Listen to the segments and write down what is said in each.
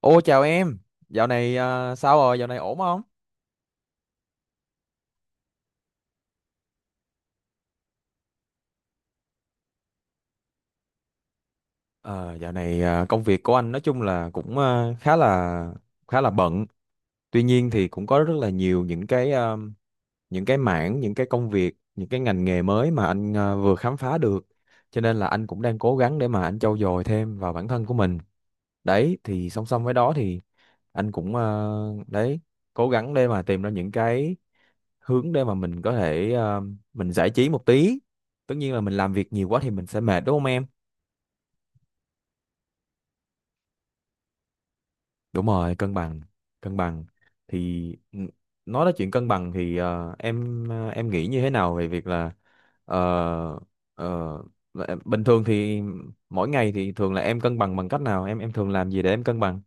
Ô chào em, dạo này sao rồi, dạo này ổn không? Ờ, dạo này công việc của anh nói chung là cũng khá là bận. Tuy nhiên thì cũng có rất là nhiều những cái những cái mảng, những cái công việc, những cái ngành nghề mới mà anh vừa khám phá được. Cho nên là anh cũng đang cố gắng để mà anh trau dồi thêm vào bản thân của mình. Đấy thì song song với đó thì anh cũng đấy, cố gắng để mà tìm ra những cái hướng để mà mình có thể mình giải trí một tí. Tất nhiên là mình làm việc nhiều quá thì mình sẽ mệt, đúng không em? Đúng rồi, cân bằng, cân bằng thì n- nói đến chuyện cân bằng thì em em nghĩ như thế nào về việc là ờ, ờ, là bình thường thì mỗi ngày thì thường là em cân bằng bằng cách nào, em thường làm gì để em cân bằng?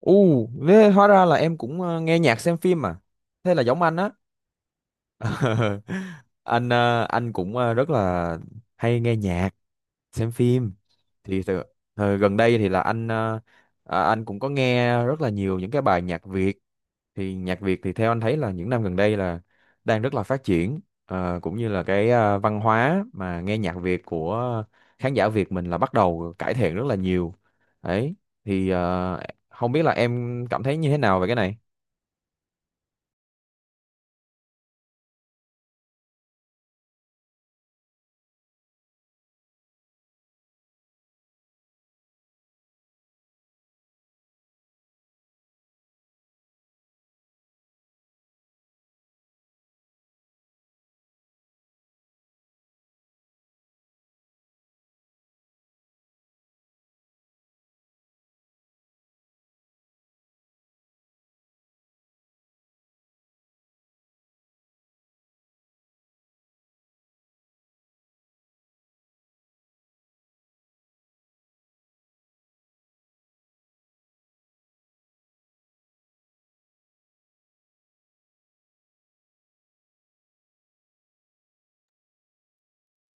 U, thế hóa ra là em cũng nghe nhạc xem phim à? Thế là giống anh á. Anh anh cũng rất là hay nghe nhạc, xem phim. thì từ, Thời gần đây thì là anh anh cũng có nghe rất là nhiều những cái bài nhạc Việt. Thì nhạc Việt thì theo anh thấy là những năm gần đây là đang rất là phát triển. Ờ, cũng như là cái văn hóa mà nghe nhạc Việt của khán giả Việt mình là bắt đầu cải thiện rất là nhiều đấy. Thì không biết là em cảm thấy như thế nào về cái này?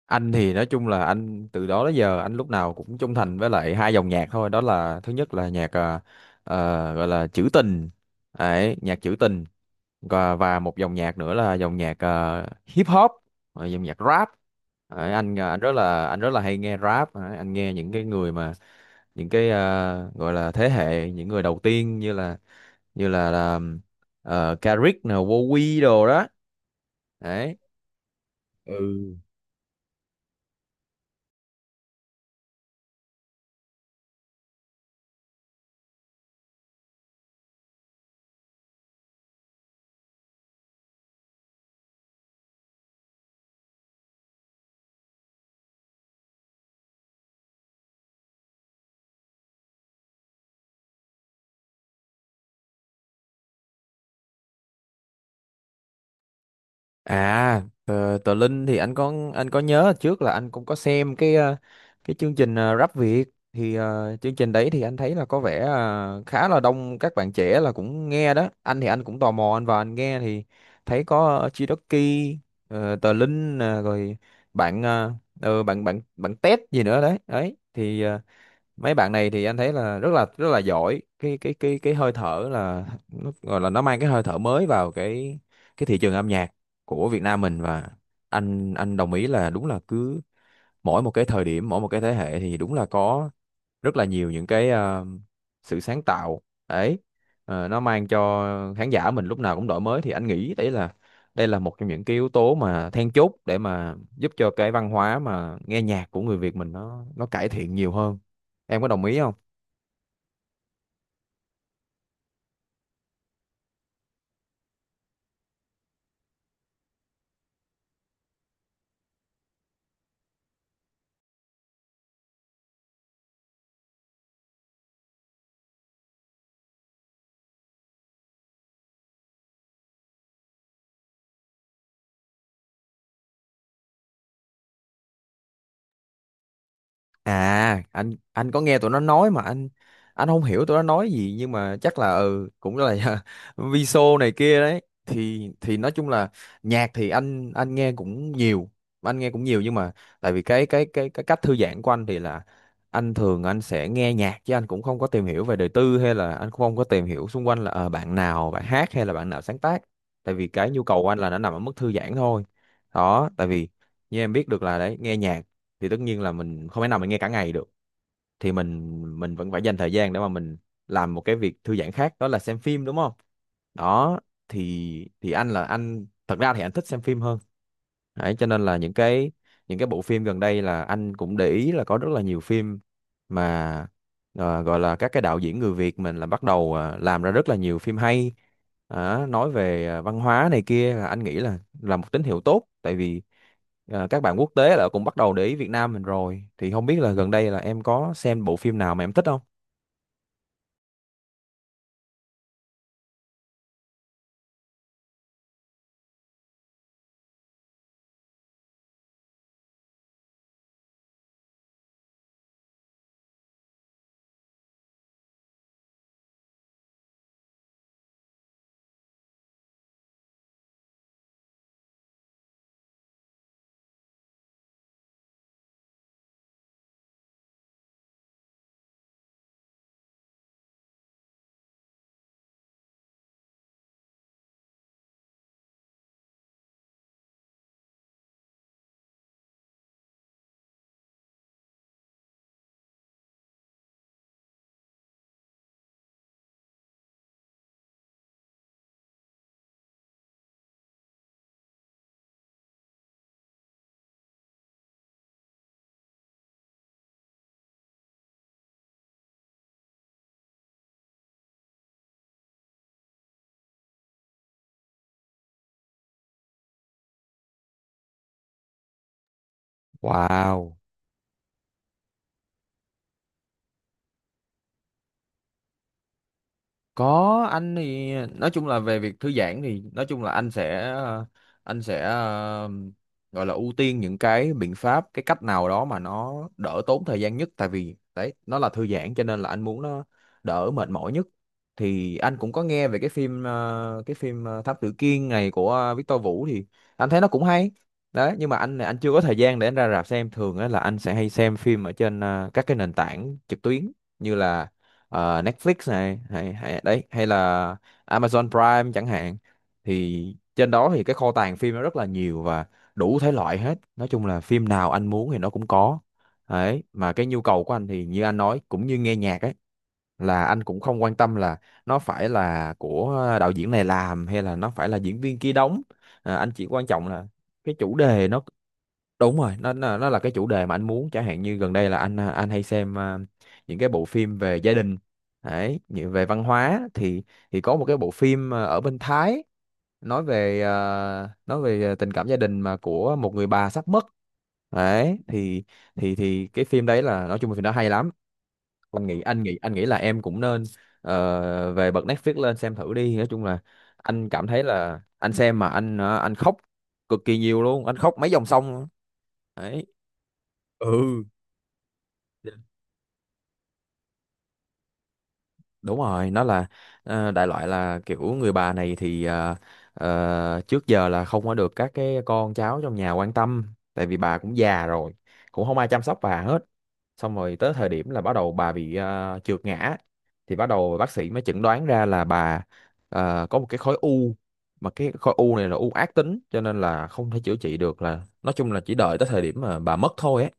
Anh thì nói chung là anh từ đó đến giờ anh lúc nào cũng trung thành với lại hai dòng nhạc thôi, đó là thứ nhất là nhạc gọi là trữ tình, đấy, nhạc trữ tình. Và một dòng nhạc nữa là dòng nhạc hip hop, dòng nhạc rap. Ờ, anh anh rất là hay nghe rap. Ờ, anh nghe những cái người mà những cái gọi là thế hệ những người đầu tiên, là Kendrick nè, Wowy đồ đó đấy. Ừ. À, tờ Linh thì anh có, anh nhớ trước là anh cũng có xem cái cái chương trình Rap Việt. Thì chương trình đấy thì anh thấy là có vẻ khá là đông các bạn trẻ là cũng nghe đó. Anh thì anh cũng tò mò, anh vào anh nghe thì thấy có Chidoki, tờ Linh nè, rồi bạn bạn Tết gì nữa đấy. Đấy thì mấy bạn này thì anh thấy là rất là giỏi, cái cái hơi thở là nó gọi là nó mang cái hơi thở mới vào cái thị trường âm nhạc của Việt Nam mình. Và anh đồng ý là đúng là cứ mỗi một cái thời điểm, mỗi một cái thế hệ thì đúng là có rất là nhiều những cái sự sáng tạo đấy. Ờ, nó mang cho khán giả mình lúc nào cũng đổi mới thì anh nghĩ đấy là đây là một trong những cái yếu tố mà then chốt để mà giúp cho cái văn hóa mà nghe nhạc của người Việt mình nó cải thiện nhiều hơn. Em có đồng ý không? À, anh có nghe tụi nó nói mà anh không hiểu tụi nó nói gì, nhưng mà chắc là ừ cũng là Viso này kia đấy. Thì nói chung là nhạc thì anh nghe cũng nhiều, anh nghe cũng nhiều, nhưng mà tại vì cái cái cách thư giãn của anh thì là anh thường anh sẽ nghe nhạc, chứ anh cũng không có tìm hiểu về đời tư, hay là anh cũng không có tìm hiểu xung quanh là bạn nào bạn hát hay là bạn nào sáng tác. Tại vì cái nhu cầu của anh là nó nằm ở mức thư giãn thôi. Đó, tại vì như em biết được là đấy, nghe nhạc thì tất nhiên là mình không thể nào mình nghe cả ngày được, thì mình vẫn phải dành thời gian để mà mình làm một cái việc thư giãn khác, đó là xem phim, đúng không? Đó thì anh là anh thật ra thì anh thích xem phim hơn. Đấy, cho nên là những cái bộ phim gần đây là anh cũng để ý là có rất là nhiều phim mà gọi là các cái đạo diễn người Việt mình là bắt đầu làm ra rất là nhiều phim hay. Đó, nói về văn hóa này kia là anh nghĩ là một tín hiệu tốt, tại vì các bạn quốc tế là cũng bắt đầu để ý Việt Nam mình rồi. Thì không biết là gần đây là em có xem bộ phim nào mà em thích không? Wow, có, anh thì nói chung là về việc thư giãn thì nói chung là anh sẽ anh sẽ gọi là ưu tiên những cái biện pháp, cái cách nào đó mà nó đỡ tốn thời gian nhất, tại vì đấy nó là thư giãn cho nên là anh muốn nó đỡ mệt mỏi nhất. Thì anh cũng có nghe về cái phim cái phim Thám Tử Kiên này của Victor Vũ thì anh thấy nó cũng hay đấy. Nhưng mà anh chưa có thời gian để anh ra rạp xem, thường á là anh sẽ hay xem phim ở trên các cái nền tảng trực tuyến như là Netflix này hay đấy, hay là Amazon Prime chẳng hạn. Thì trên đó thì cái kho tàng phim nó rất là nhiều và đủ thể loại hết, nói chung là phim nào anh muốn thì nó cũng có đấy. Mà cái nhu cầu của anh thì như anh nói cũng như nghe nhạc ấy, là anh cũng không quan tâm là nó phải là của đạo diễn này làm hay là nó phải là diễn viên kia đóng. À, anh chỉ quan trọng là cái chủ đề nó đúng rồi, nó nó là cái chủ đề mà anh muốn. Chẳng hạn như gần đây là anh anh hay xem những cái bộ phim về gia đình, đấy, như về văn hóa thì có một cái bộ phim ở bên Thái, nói về tình cảm gia đình mà của một người bà sắp mất đấy. Thì thì cái phim đấy là nói chung là phim đó hay lắm, anh nghĩ là em cũng nên về bật Netflix lên xem thử đi. Nói chung là anh cảm thấy là anh xem mà anh anh khóc cực kỳ nhiều luôn, anh khóc mấy dòng sông. Đấy. Ừ, đúng rồi, nó là đại loại là kiểu người bà này thì trước giờ là không có được các cái con cháu trong nhà quan tâm, tại vì bà cũng già rồi, cũng không ai chăm sóc bà hết. Xong rồi tới thời điểm là bắt đầu bà bị trượt ngã thì bắt đầu bác sĩ mới chẩn đoán ra là bà có một cái khối u, mà cái khối u này là u ác tính cho nên là không thể chữa trị được, là nói chung là chỉ đợi tới thời điểm mà bà mất thôi ấy.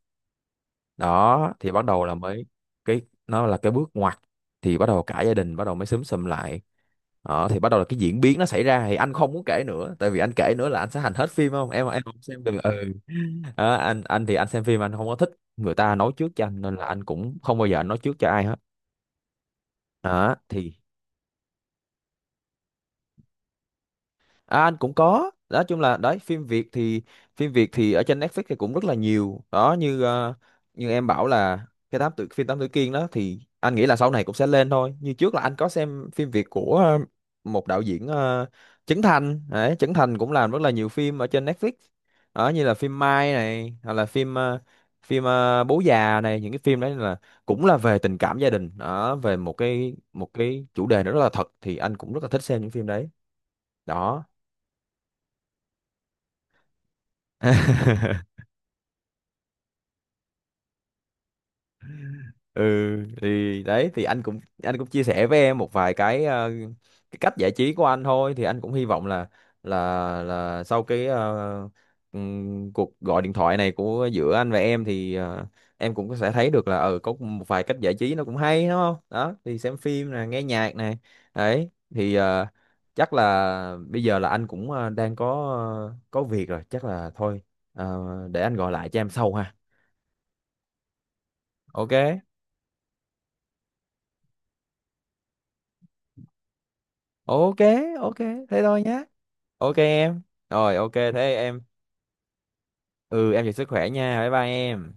Đó thì bắt đầu là mới cái nó là cái bước ngoặt, thì bắt đầu cả gia đình bắt đầu mới xúm xụm lại. Đó thì bắt đầu là cái diễn biến nó xảy ra thì anh không muốn kể nữa, tại vì anh kể nữa là anh sẽ hành hết phim, không em em không xem được, ừ. Đó, anh thì anh xem phim anh không có thích người ta nói trước cho anh, nên là anh cũng không bao giờ anh nói trước cho ai hết. Đó thì À, anh cũng có, nói chung là đấy, phim Việt thì ở trên Netflix thì cũng rất là nhiều đó. Như như em bảo là cái tám tử, phim Tám Tử Kiên đó thì anh nghĩ là sau này cũng sẽ lên thôi. Như trước là anh có xem phim Việt của một đạo diễn Trấn Thành đấy, Trấn Thành cũng làm rất là nhiều phim ở trên Netflix, đó như là phim Mai này, hoặc là phim phim Bố già này. Những cái phim đấy là cũng là về tình cảm gia đình đó, về một cái chủ đề nó rất là thật, thì anh cũng rất là thích xem những phim đấy. Đó. Ừ, thì đấy thì anh cũng chia sẻ với em một vài cái cái cách giải trí của anh thôi. Thì anh cũng hy vọng là là là sau cái cuộc gọi điện thoại này của giữa anh và em thì em cũng sẽ thấy được là ừ có một vài cách giải trí nó cũng hay, đúng không? Đó thì xem phim nè, nghe nhạc này đấy. Thì chắc là bây giờ là anh cũng đang có có việc rồi, chắc là thôi, ờ, để anh gọi lại cho em sau ha. Ok, ok, ok, thế thôi nhé. Ok em. Rồi ok thế em, ừ, em giữ sức khỏe nha, bye bye em.